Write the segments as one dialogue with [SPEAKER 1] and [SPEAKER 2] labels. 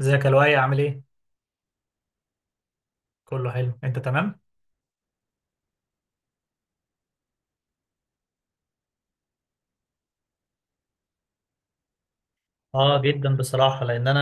[SPEAKER 1] ازيك يا لؤي، عامل ايه؟ كله حلو، انت تمام؟ اه جدا بصراحة، لأن أنا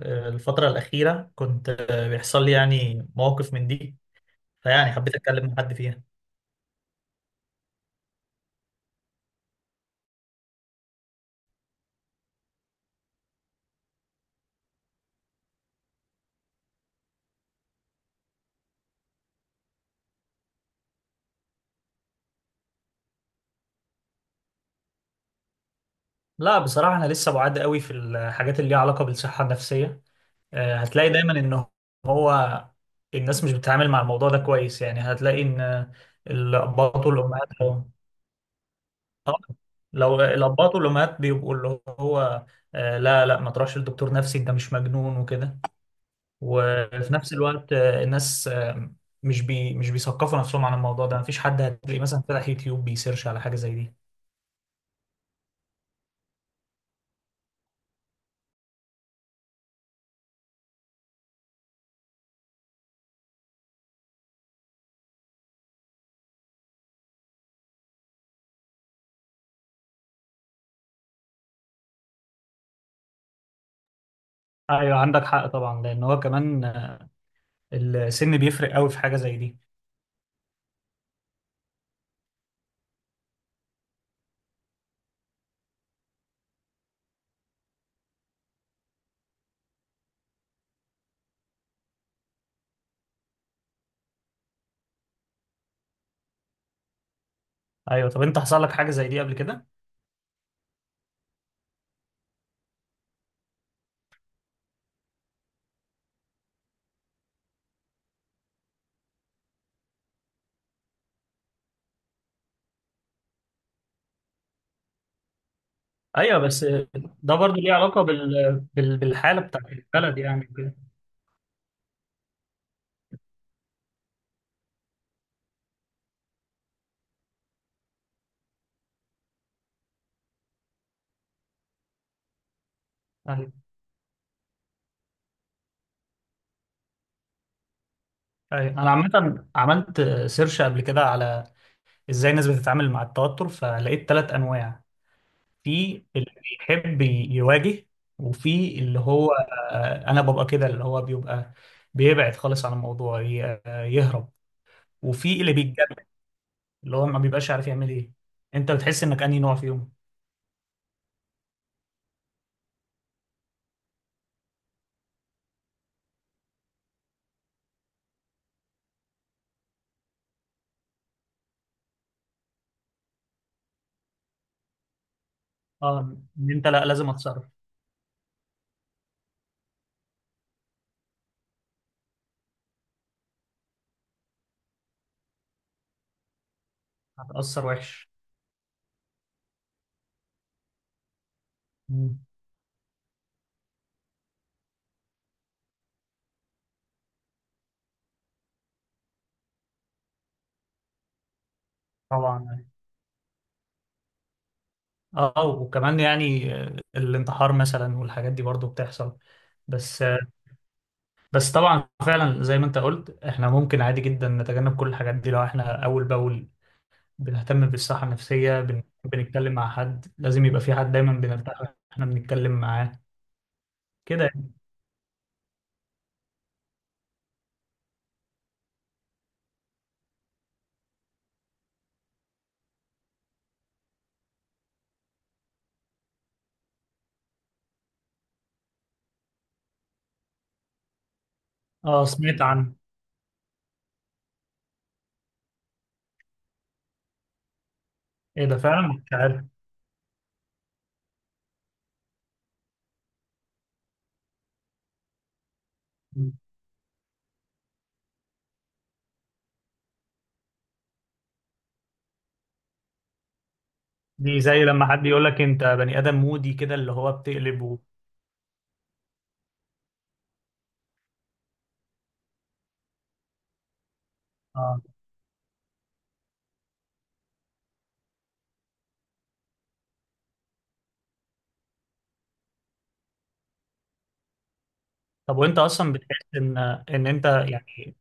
[SPEAKER 1] الفترة الأخيرة كنت بيحصل لي يعني مواقف من دي، فيعني حبيت أتكلم مع حد فيها. لا بصراحة أنا لسه بعاد قوي في الحاجات اللي ليها علاقة بالصحة النفسية، هتلاقي دايما إن هو الناس مش بتتعامل مع الموضوع ده كويس، يعني هتلاقي إن الآباء والأمهات لو آه، لو الآباء والأمهات بيبقوا اللي هو لا لا، ما تروحش لدكتور نفسي، أنت مش مجنون وكده، وفي نفس الوقت الناس مش بيثقفوا نفسهم عن الموضوع ده، مفيش حد هتلاقيه مثلا فتح يوتيوب بيسيرش على حاجة زي دي. ايوه عندك حق طبعا، لان هو كمان السن بيفرق قوي في حاجة زي دي. ايوه، طب انت حصل لك حاجة زي دي قبل كده؟ ايوه بس ده برضو ليه علاقة بالحالة بتاعت البلد يعني كده. ايوه. أيوة. انا عامة عملت سيرش قبل كده على ازاي الناس بتتعامل مع التوتر، فلقيت ثلاث انواع. في اللي بيحب يواجه، وفي اللي هو انا ببقى كده، اللي هو بيبقى بيبعد خالص عن الموضوع يهرب، وفي اللي بيتجنن اللي هو ما بيبقاش عارف يعمل ايه. انت بتحس انك انهي نوع فيهم؟ اه، ان انت لا لازم اتصرف. هتأثر وحش. مم. طبعا. اه وكمان يعني الانتحار مثلا والحاجات دي برضو بتحصل. بس بس طبعا فعلا زي ما انت قلت احنا ممكن عادي جدا نتجنب كل الحاجات دي لو احنا اول باول بنهتم بالصحة النفسية، بنتكلم مع حد، لازم يبقى في حد دايما بنرتاح واحنا بنتكلم معاه. كده يعني. اه سمعت عن. ايه ده، فعلا مش عارف. دي زي لما حد يقول لك انت بني ادم مودي كده، اللي هو بتقلب و... اه، طب وانت اصلا بتحس ان انت يعني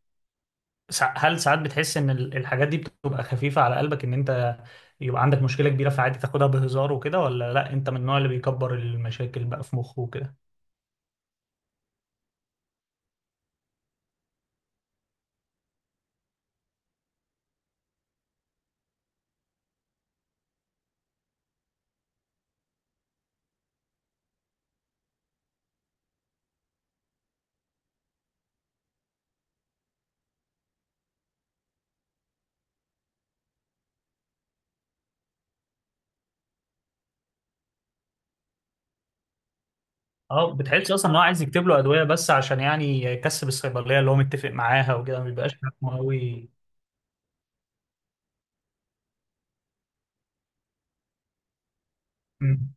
[SPEAKER 1] هل ساعات بتحس ان الحاجات دي بتبقى خفيفة على قلبك، ان انت يبقى عندك مشكلة كبيرة فعادي تاخدها بهزار وكده، ولا لا انت من النوع اللي بيكبر المشاكل بقى في مخه وكده؟ اه، بتحسش اصلا ان هو عايز يكتب له ادويه بس عشان يعني يكسب الصيدليه اللي هو متفق معاها وكده، ما بيبقاش فاهمه قوي. أمم.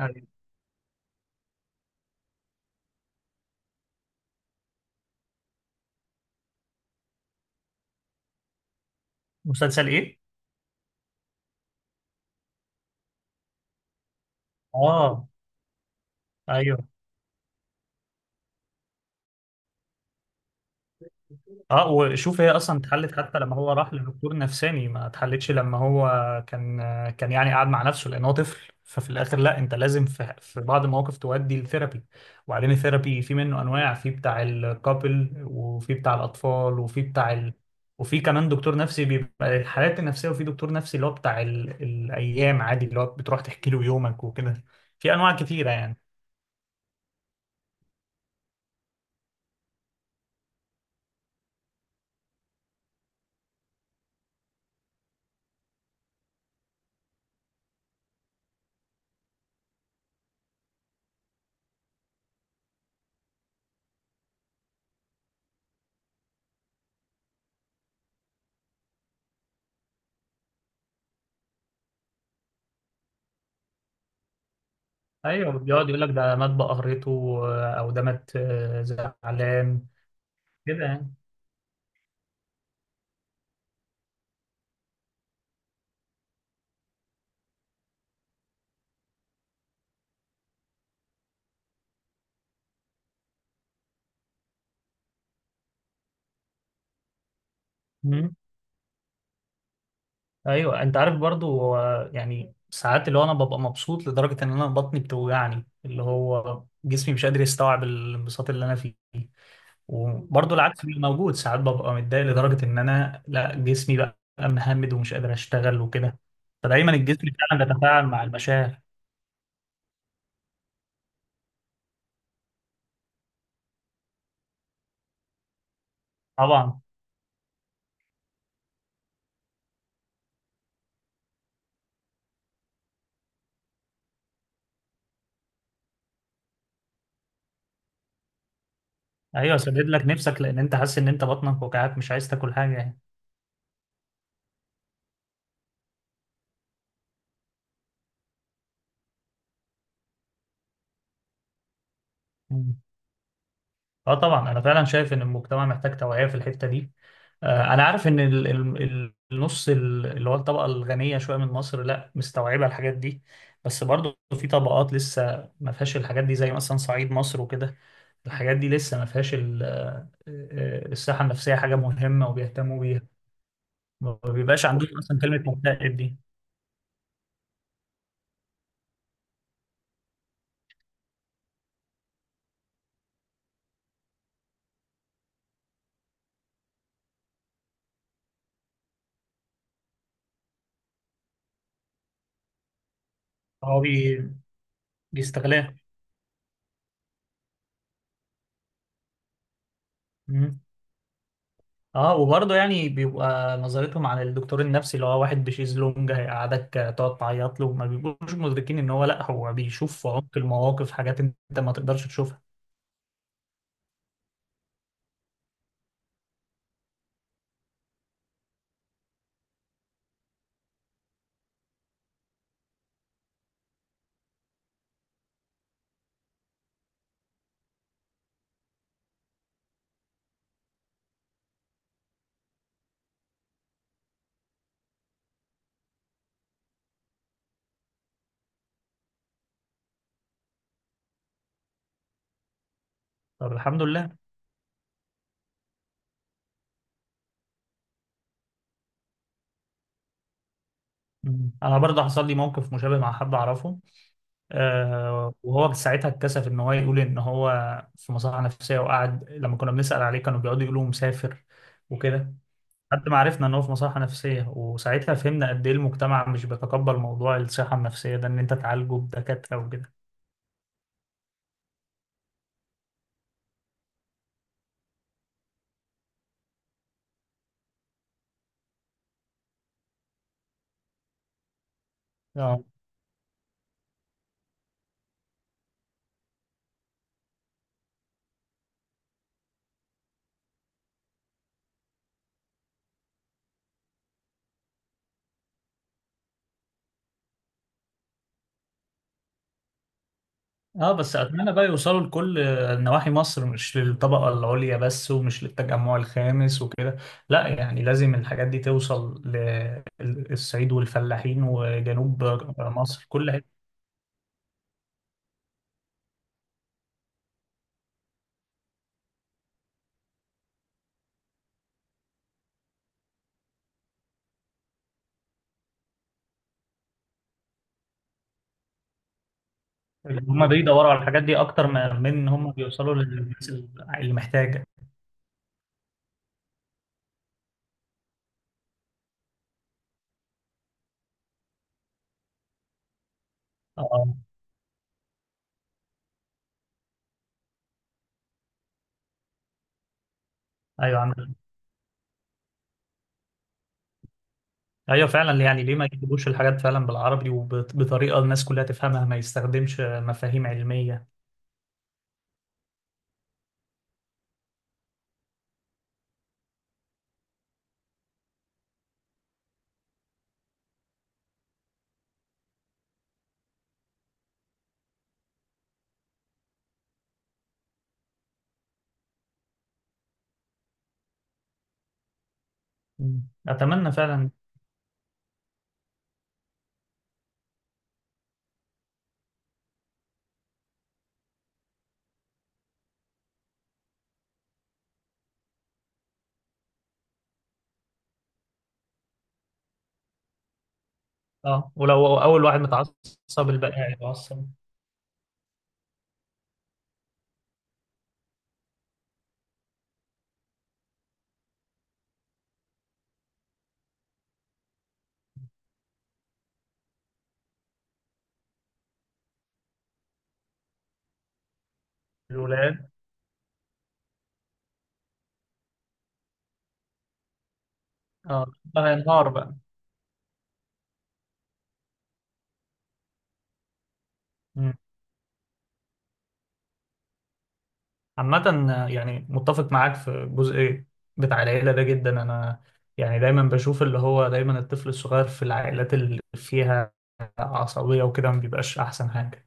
[SPEAKER 1] أيوة. مسلسل ايه؟ اه. ايوه. اه، وشوف هي اصلا اتحلت؟ حتى لما هو راح لدكتور نفساني ما اتحلتش، لما هو كان كان يعني قاعد مع نفسه لان هو طفل، ففي الاخر لا انت لازم في بعض المواقف تودي الثيرابي. وبعدين الثيرابي في منه انواع، في بتاع الكابل وفي بتاع الاطفال وفي كمان دكتور نفسي بيبقى الحالات النفسيه، وفي دكتور نفسي اللي هو بتاع الايام عادي اللي هو بتروح تحكي له يومك وكده. في انواع كتيره يعني. ايوه، بيقعد يقول لك ده مات بقهرته، او ده مات زعلان كده يعني. مم. ايوه، انت عارف برضو هو يعني ساعات اللي هو انا ببقى مبسوط لدرجه ان انا بطني بتوجعني، اللي هو جسمي مش قادر يستوعب الانبساط اللي انا فيه. وبرضو العكس بيبقى موجود ساعات، ببقى متضايق لدرجه ان انا لا جسمي بقى مهمد ومش قادر اشتغل وكده. فدايما الجسم فعلا بيتفاعل مع المشاعر. طبعا. ايوه، سدد لك نفسك لان انت حاسس ان انت بطنك وجعاك، مش عايز تاكل حاجه. يعني اه، طبعا انا فعلا شايف ان المجتمع محتاج توعية في الحتة دي. انا عارف ان النص اللي هو الطبقة الغنية شوية من مصر لا، مستوعبة الحاجات دي، بس برضو في طبقات لسه ما فيهاش الحاجات دي زي مثلا صعيد مصر وكده. الحاجات دي لسه ما فيهاش الصحة النفسية حاجة مهمة وبيهتموا بيها. ما بيبقاش عندهم اصلا كلمة مكتئب دي. هو بيستغلها. اه، وبرضه يعني بيبقى نظرتهم عن الدكتور النفسي اللي هو واحد بشيز لونج، هيقعدك تقعد تعيط له، ما بيبقوش مدركين ان هو لا، هو بيشوف في عمق المواقف حاجات انت ما تقدرش تشوفها. طب الحمد لله. مم. انا برضه حصل لي موقف مشابه مع حد اعرفه، وهو ساعتها اتكسف ان هو يقول ان هو في مصحة نفسية، وقعد لما كنا بنسأل عليه كانوا بيقعدوا يقولوا مسافر وكده، لحد ما عرفنا ان هو في مصحة نفسية. وساعتها فهمنا قد ايه المجتمع مش بيتقبل موضوع الصحة النفسية ده، ان انت تعالجه بدكاترة وكده. اه اه. بس اتمنى بقى يوصلوا لكل نواحي مصر، مش للطبقه العليا بس ومش للتجمع الخامس وكده، لا يعني لازم الحاجات دي توصل للصعيد والفلاحين وجنوب مصر، كل حته. هم بيدوروا على الحاجات دي اكتر ما من إن هم بيوصلوا للناس اللي محتاجه. اه. ايوه عندك. ايوه فعلا، يعني ليه ما يجيبوش الحاجات فعلا بالعربي وبطريقه الناس كلها تفهمها، ما يستخدمش مفاهيم علميه. مم. اتمنى فعلا. اه، ولو اول واحد متعصب الباقي هيتعصب. الولاد. اه، ده هينهار بقى. مم. عامة يعني متفق معاك في الجزء بتاع العيلة ده جدا، انا يعني دايما بشوف اللي هو دايما الطفل الصغير في العائلات اللي فيها عصبية وكده، ما بيبقاش احسن حاجة.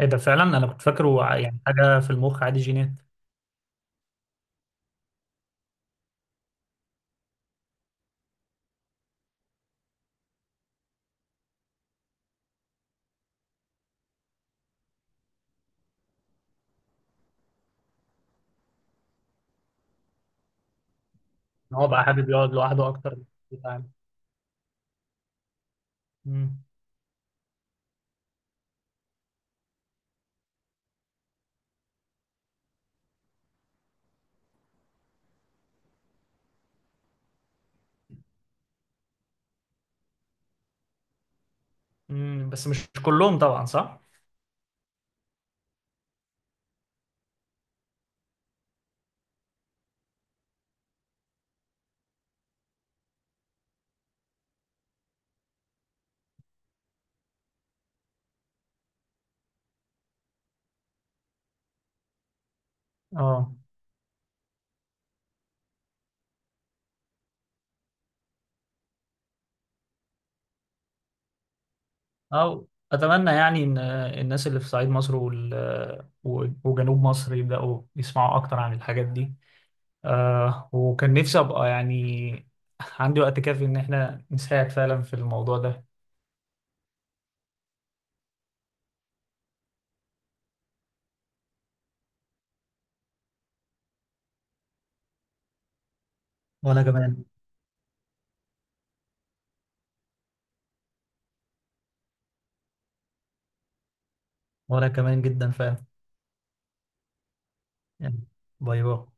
[SPEAKER 1] ايه ده، فعلا انا كنت فاكره يعني حاجة في المخ عادي، جينات. ان هو بقى حابب يقعد لوحده اكتر بتاع. مم. مم. بس مش كلهم طبعا، صح؟ اه. أو أتمنى يعني إن الناس اللي في صعيد مصر وجنوب مصر يبدأوا يسمعوا أكتر عن الحاجات دي. وكان نفسي أبقى يعني عندي وقت كافي إن إحنا نساعد فعلا في الموضوع ده. وانا كمان. وانا كمان جدا فعلا. يعني. باي باي.